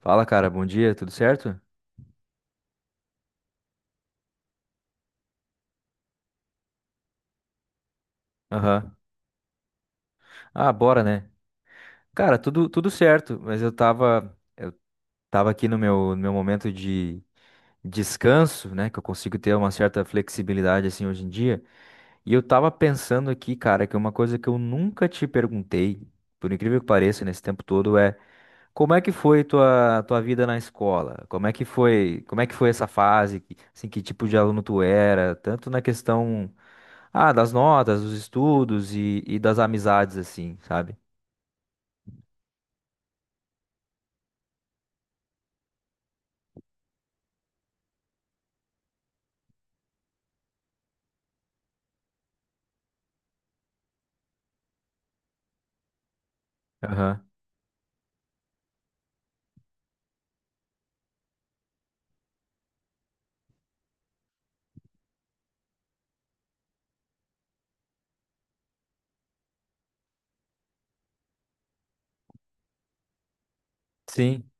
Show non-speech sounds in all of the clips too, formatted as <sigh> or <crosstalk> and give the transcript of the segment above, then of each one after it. Fala, cara, bom dia, tudo certo? Aham. Ah, bora, né? Cara, tudo certo, mas tava aqui no no meu momento de descanso, né? Que eu consigo ter uma certa flexibilidade assim hoje em dia. E eu tava pensando aqui, cara, que uma coisa que eu nunca te perguntei, por incrível que pareça, nesse tempo todo, é: como é que foi tua vida na escola? Como é que foi, como é que foi essa fase? Assim, que tipo de aluno tu era? Tanto na questão das notas, dos estudos e das amizades assim, sabe? Aham. Sim.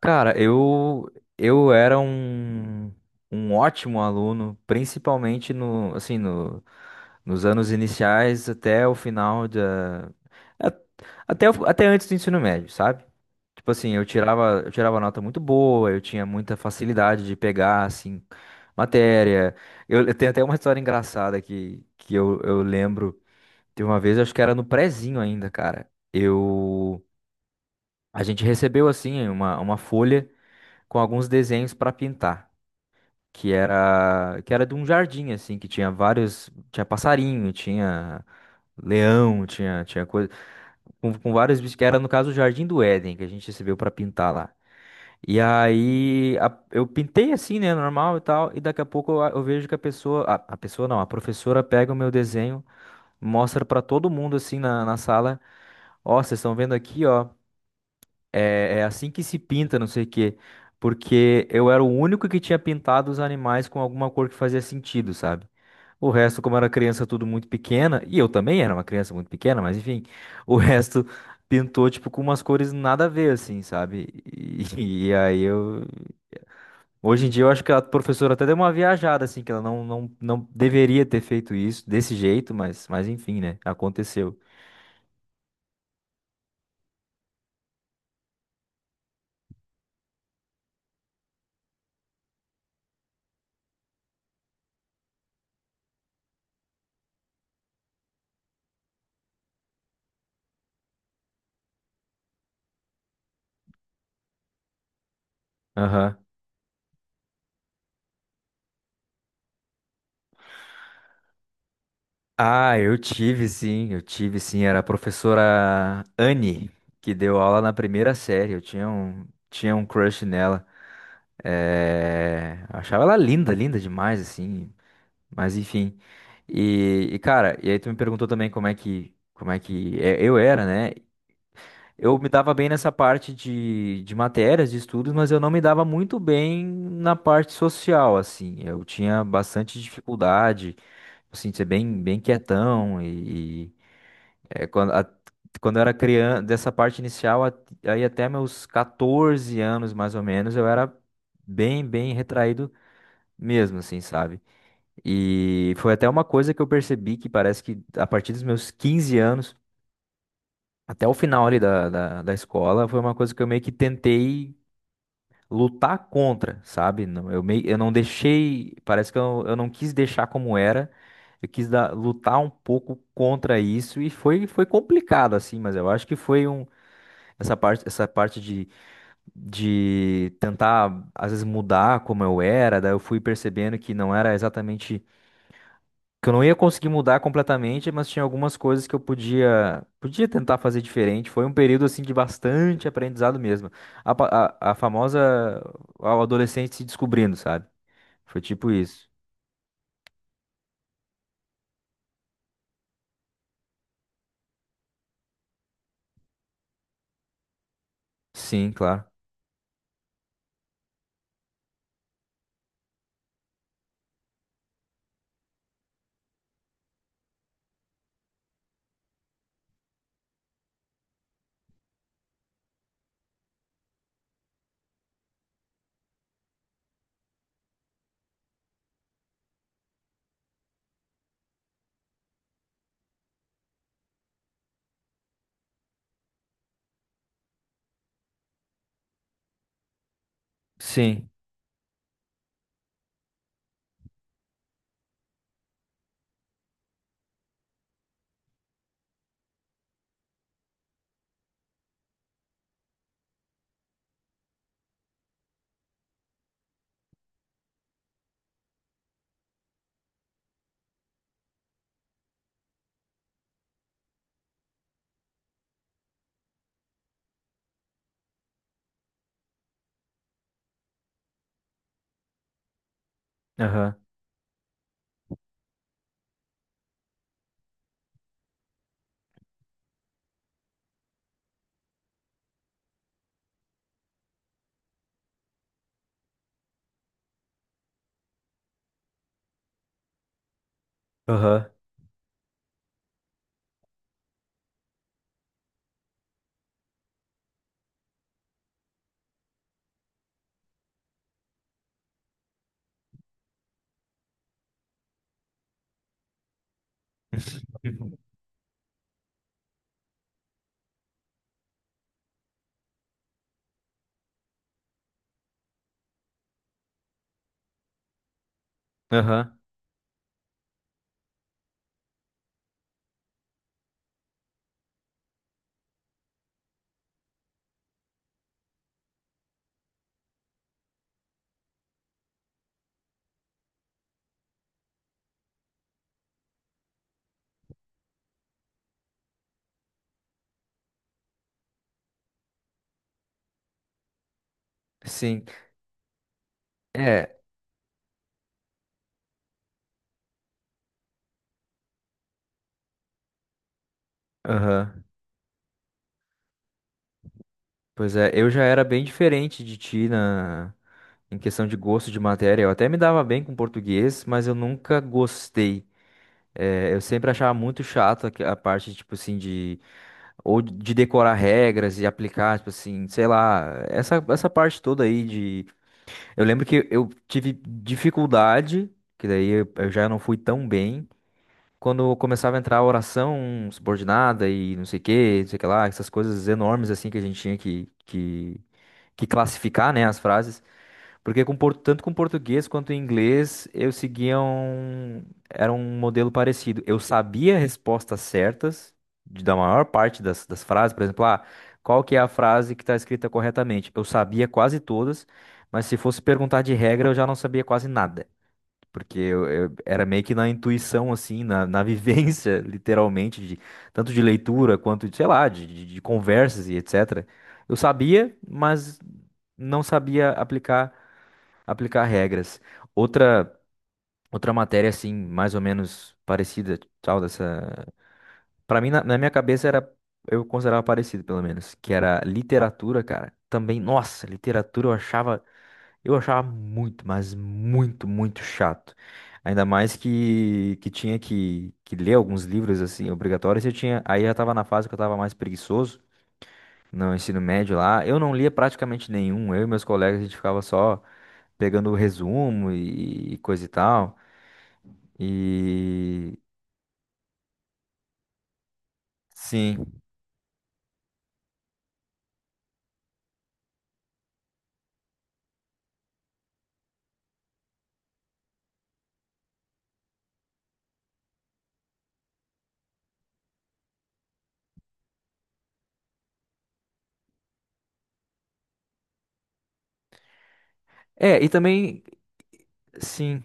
Cara, eu era um ótimo aluno, principalmente no nos anos iniciais até o final a- até até antes do ensino médio, sabe? Tipo assim, eu tirava nota muito boa, eu tinha muita facilidade de pegar, assim, matéria. Eu tenho até uma história engraçada que eu lembro de uma vez, acho que era no prezinho ainda, cara. A gente recebeu, assim, uma folha com alguns desenhos pra pintar, que era de um jardim, assim, que tinha vários, tinha passarinho, tinha leão, tinha coisa, com vários bichos, que era, no caso, o Jardim do Éden, que a gente recebeu pra pintar lá. E eu pintei assim, né, normal e tal, e daqui a pouco eu vejo que a pessoa não, a professora pega o meu desenho, mostra pra todo mundo na sala: ó, vocês estão vendo aqui, ó, é assim que se pinta, não sei o quê, porque eu era o único que tinha pintado os animais com alguma cor que fazia sentido, sabe? O resto, como era criança tudo muito pequena, e eu também era uma criança muito pequena, mas enfim, o <laughs> resto pintou tipo com umas cores nada a ver assim, sabe? E, <laughs> e aí eu... Hoje em dia eu acho que a professora até deu uma viajada, assim, que ela não deveria ter feito isso desse jeito, mas enfim, né? Aconteceu. Aham. Ah, eu tive sim. Era a professora Anne, que deu aula na primeira série. Eu tinha um crush nela. É... Achava ela linda, linda demais, assim. Mas enfim. Cara, e aí tu me perguntou também como é que eu era, né? Eu me dava bem nessa parte de matérias, de estudos, mas eu não me dava muito bem na parte social, assim. Eu tinha bastante dificuldade, assim, de ser bem quietão é, quando, a- quando eu era criança, dessa parte inicial, aí até meus 14 anos, mais ou menos, eu era bem retraído mesmo, assim, sabe? E foi até uma coisa que eu percebi que parece que a partir dos meus 15 anos até o final ali da escola foi uma coisa que eu meio que tentei lutar contra, sabe? Eu, meio, eu não deixei, parece que eu não quis deixar como era, eu lutar um pouco contra isso e foi, foi complicado assim, mas eu acho que foi um, essa parte de tentar às vezes mudar como eu era, daí eu fui percebendo que não era exatamente que eu não ia conseguir mudar completamente, mas tinha algumas coisas que eu podia tentar fazer diferente. Foi um período assim de bastante aprendizado mesmo. A, pa- a famosa... O adolescente se descobrindo, sabe? Foi tipo isso. Sim, claro. Sim. Aham. Aham. <laughs> Aham. Sim. É. Aham. Pois é, eu já era bem diferente de ti na em questão de gosto de matéria. Eu até me dava bem com português, mas eu nunca gostei. É, eu sempre achava muito chato a parte, tipo assim, de... Ou de decorar regras e aplicar, tipo assim, sei lá. Essa parte toda aí de... Eu lembro que eu tive dificuldade, que daí eu já não fui tão bem. Quando eu começava a entrar a oração subordinada e não sei o que, não sei o que lá. Essas coisas enormes, assim, que a gente tinha que classificar, né, as frases. Tanto com português quanto em inglês eu seguia um, era um modelo parecido. Eu sabia respostas certas da maior parte das frases, por exemplo, ah, qual que é a frase que está escrita corretamente? Eu sabia quase todas, mas se fosse perguntar de regra eu já não sabia quase nada. Porque era meio que na intuição, assim, na <laughs> vivência, literalmente, de, tanto de leitura quanto, de, sei lá, de conversas e etc. Eu sabia, mas não sabia aplicar regras. Outra outra matéria assim, mais ou menos parecida, tal dessa, para mim na minha cabeça era... Eu considerava parecido pelo menos, que era literatura, cara. Também, nossa, literatura eu achava muito, mas muito chato. Ainda mais que tinha que ler alguns livros assim obrigatórios, eu tinha, aí já tava na fase que eu tava mais preguiçoso. No ensino médio lá, eu não lia praticamente nenhum. Eu e meus colegas, a gente ficava só pegando o resumo e coisa e tal. E sim. É, e também, sim,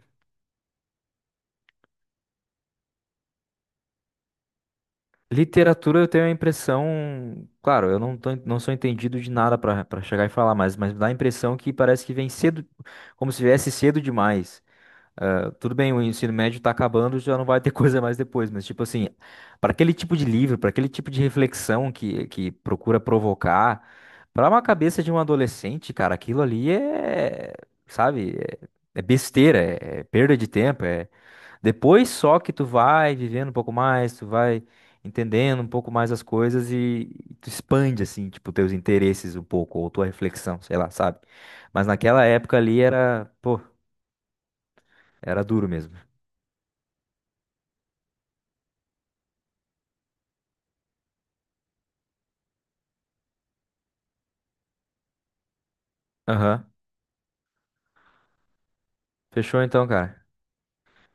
literatura eu tenho a impressão, claro, eu não tô, não sou entendido de nada para para chegar e falar, mas dá a impressão que parece que vem cedo, como se viesse cedo demais. Ah, tudo bem, o ensino médio tá acabando, já não vai ter <laughs> coisa mais depois, mas tipo assim, para aquele tipo de livro, para aquele tipo de reflexão que procura provocar, para uma cabeça de um adolescente, cara, aquilo ali é, sabe, é, é besteira, é, é perda de tempo, é... Depois só que tu vai vivendo um pouco mais, tu vai entendendo um pouco mais as coisas e tu expande assim, tipo, teus interesses um pouco ou tua reflexão, sei lá, sabe? Mas naquela época ali era, pô, era duro mesmo. Aham. Fechou então, cara.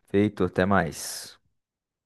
Feito, até mais.